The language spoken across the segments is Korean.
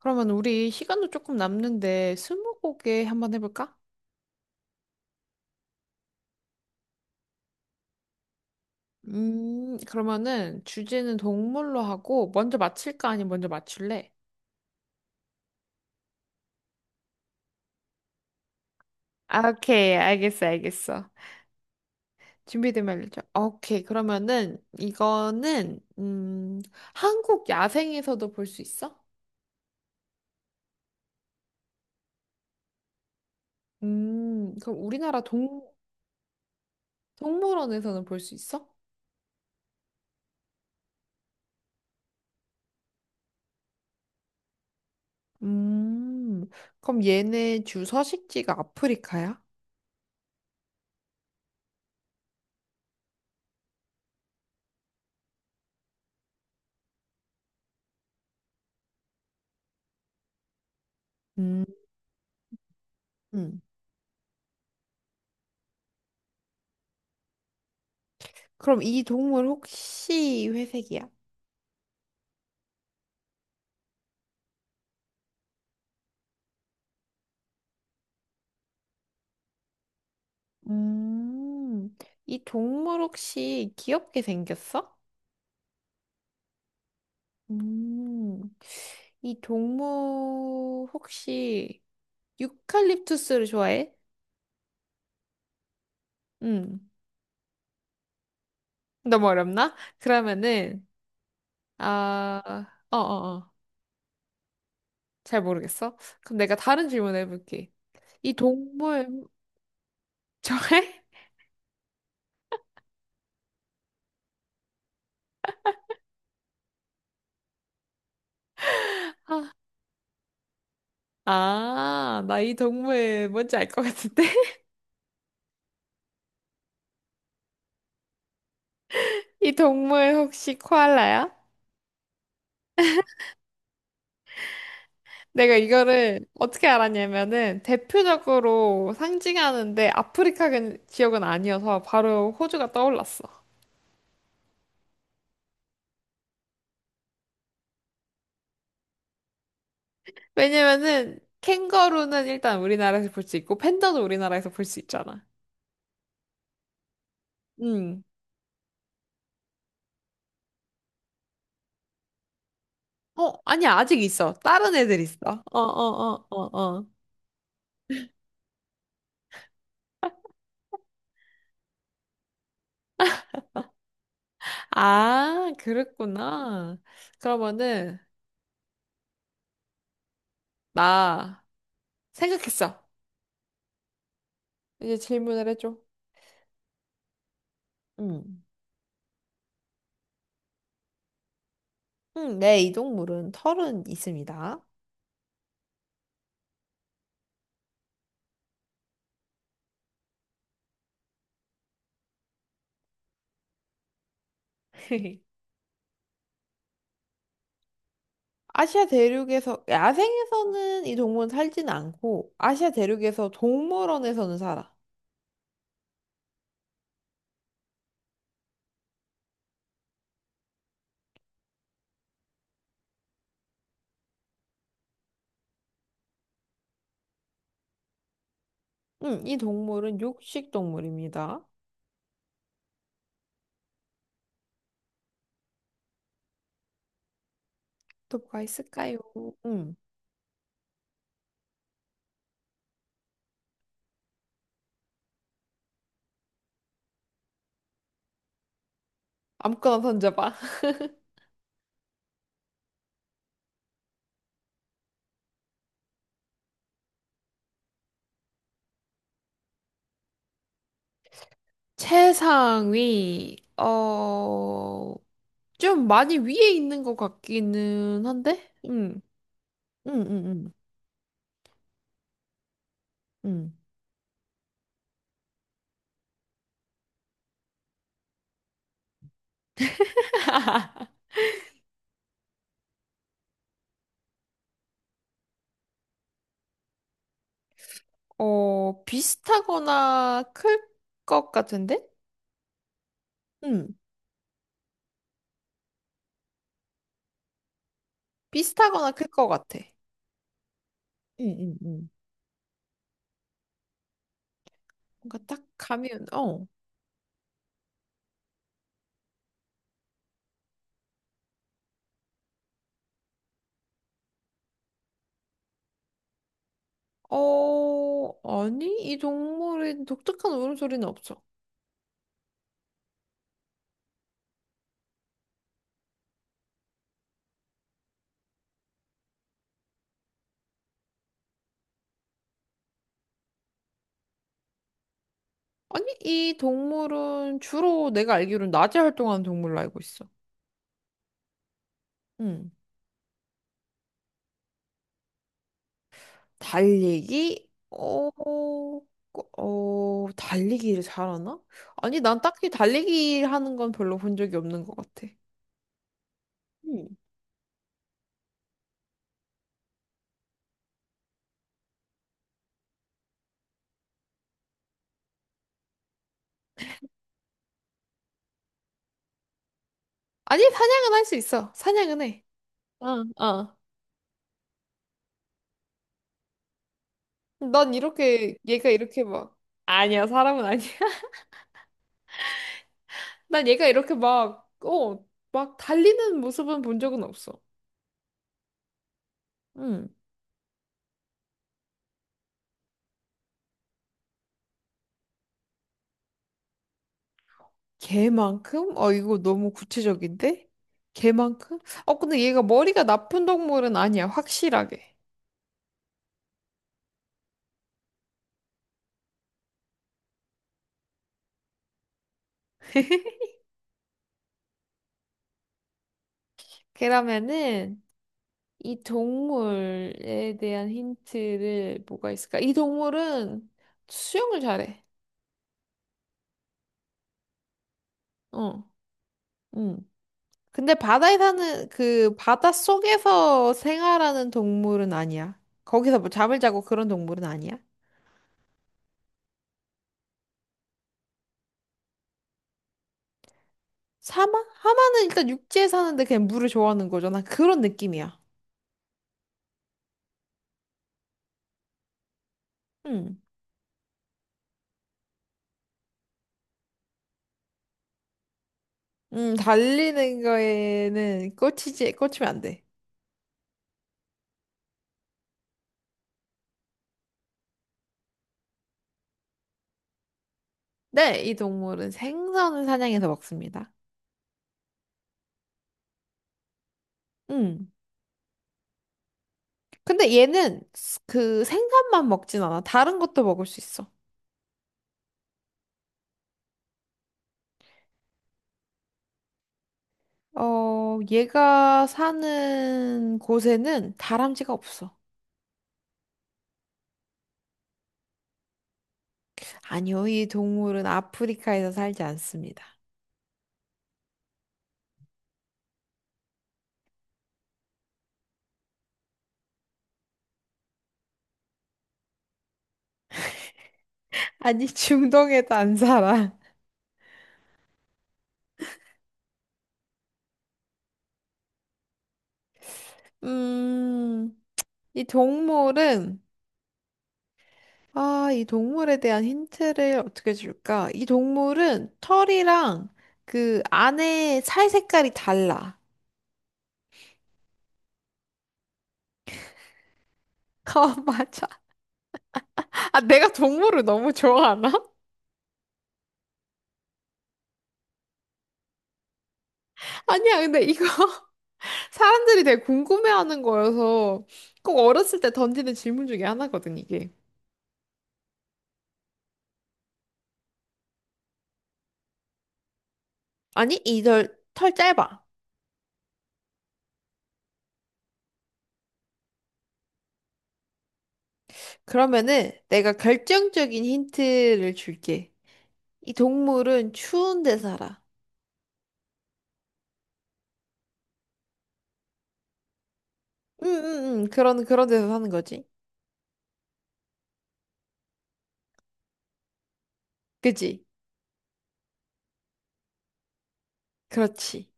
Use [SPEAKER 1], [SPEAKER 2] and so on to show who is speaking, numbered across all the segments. [SPEAKER 1] 그러면 우리 시간도 조금 남는데 스무고개 한번 해볼까? 그러면은 주제는 동물로 하고 먼저 맞힐까 아니면 먼저 맞출래? 아, 오케이, 알겠어, 알겠어. 준비되면 알려줘. 오케이, 그러면은 이거는. 한국 야생에서도 볼 수 있어? 음, 그럼 우리나라 동, 동물원에서는 볼 수 있어? 음, 그럼 얘네 주 서식지가 아프리카야? 음. 음. 그럼 이 동물 혹시 회색이야? 음, 이 동물 혹시 귀엽게 생겼어? 음, 이 동물 혹시 유칼립투스를 좋아해? 음. 너무 어렵나? 그러면은 아, 어, 어, 어. 잘 모르겠어. 그럼 내가 다른 질문 해볼게. 이 동물 좋아해? 아, 나 이 동물 뭔지 알 것 같은데? 이 동물 혹시 코알라야? 내가 이거를 어떻게 알았냐면은 대표적으로 상징하는데 아프리카 지역은 아니어서 바로 호주가 떠올랐어. 왜냐면은 캥거루는 일단 우리나라에서 볼 수 있고 팬더도 우리나라에서 볼 수 있잖아. 응. 어, 아니 아직 있어. 다른 애들 있어. 어, 어, 어, 어, 어. 아, 그랬구나. 그러면은 나 생각했어. 이제 질문을 해줘. 응. 응, 내 이동물은 털은 있습니다. 아시아 대륙에서, 야생에서는 이 동물은 살진 않고, 아시아 대륙에서 동물원에서는 살아. 응, 이 동물은 육식 동물입니다. 또 뭐가 있을까요? 응, 아무거나 던져봐. 최상위, 좀 많이 위에 있는 것 같기는 한데? 응, 응, 응, 응, 응. 어, 비슷하거나 클 것 같은데? 응, 비슷하거나 클 것 같아. 응, 응. 응. 뭔가 딱 가면, 어, 어, 아니, 이 동물의 독특한 울음소리는 없어. 아니, 이 동물은 주로 내가 알기로는 낮에 활동하는 동물로 알고 있어. 응. 달리기? 달리기를 잘하나? 아니, 난 딱히 달리기 하는 건 별로 본 적이 없는 것 같아. 음. 아니, 사냥은 할 수 있어. 사냥은 해. 어, 어. 난 이렇게, 얘가 이렇게 막, 아니야, 사람은 아니야. 난 얘가 이렇게 막, 어, 막 달리는 모습은 본 적은 없어. 응. 개만큼? 이거 너무 구체적인데? 개만큼? 어, 근데 얘가 머리가 나쁜 동물은 아니야, 확실하게. 그러면은, 이 동물에 대한 힌트를 뭐가 있을까? 이 동물은 수영을 잘해. 어, 응. 근데 바다에 사는, 바다 속에서 생활하는 동물은 아니야. 거기서 뭐 잠을 자고 그런 동물은 아니야. 사마? 하마는 일단 육지에 사는데 그냥 물을 좋아하는 거잖아. 그런 느낌이야. 음. 달리는 거에는 꽂히지, 꽂히면 안 돼. 네, 이 동물은 생선을 사냥해서 먹습니다. 음. 근데 얘는 그 생선만 먹진 않아. 다른 것도 먹을 수 있어. 어, 얘가 사는 곳에는 다람쥐가 없어. 아니요, 이 동물은 아프리카에서 살지 않습니다. 아니, 중동에도 안 살아. 음. 이 동물은, 아, 이 동물에 대한 힌트를 어떻게 줄까? 이 동물은 털이랑 그 안에 살 색깔이 달라. 아, 맞아. 아, 내가 동물을 너무 좋아하나? 아니야, 근데 이거 사람들이 되게 궁금해하는 거여서 꼭 어렸을 때 던지는 질문 중에 하나거든, 이게. 아니, 털 짧아. 그러면은 내가 결정적인 힌트를 줄게. 이 동물은 추운 데 살아. 응, 응, 응. 그런 데서 사는 거지. 그지? 그렇지.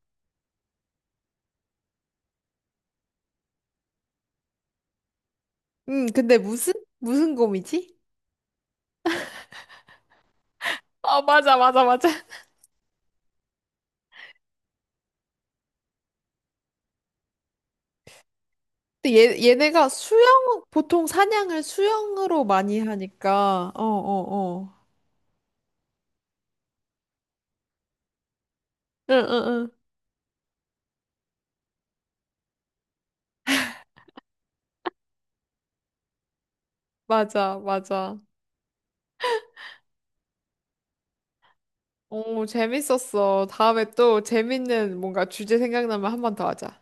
[SPEAKER 1] 근데 무슨? 무슨 곰이지? 어, 맞아, 맞아, 맞아. 근데 얘네가 보통 사냥을 수영으로 많이 하니까, 어, 어, 어. 응, 응, 응. 맞아, 맞아. 오, 재밌었어. 다음에 또 재밌는 뭔가 주제 생각나면 한 번 더 하자.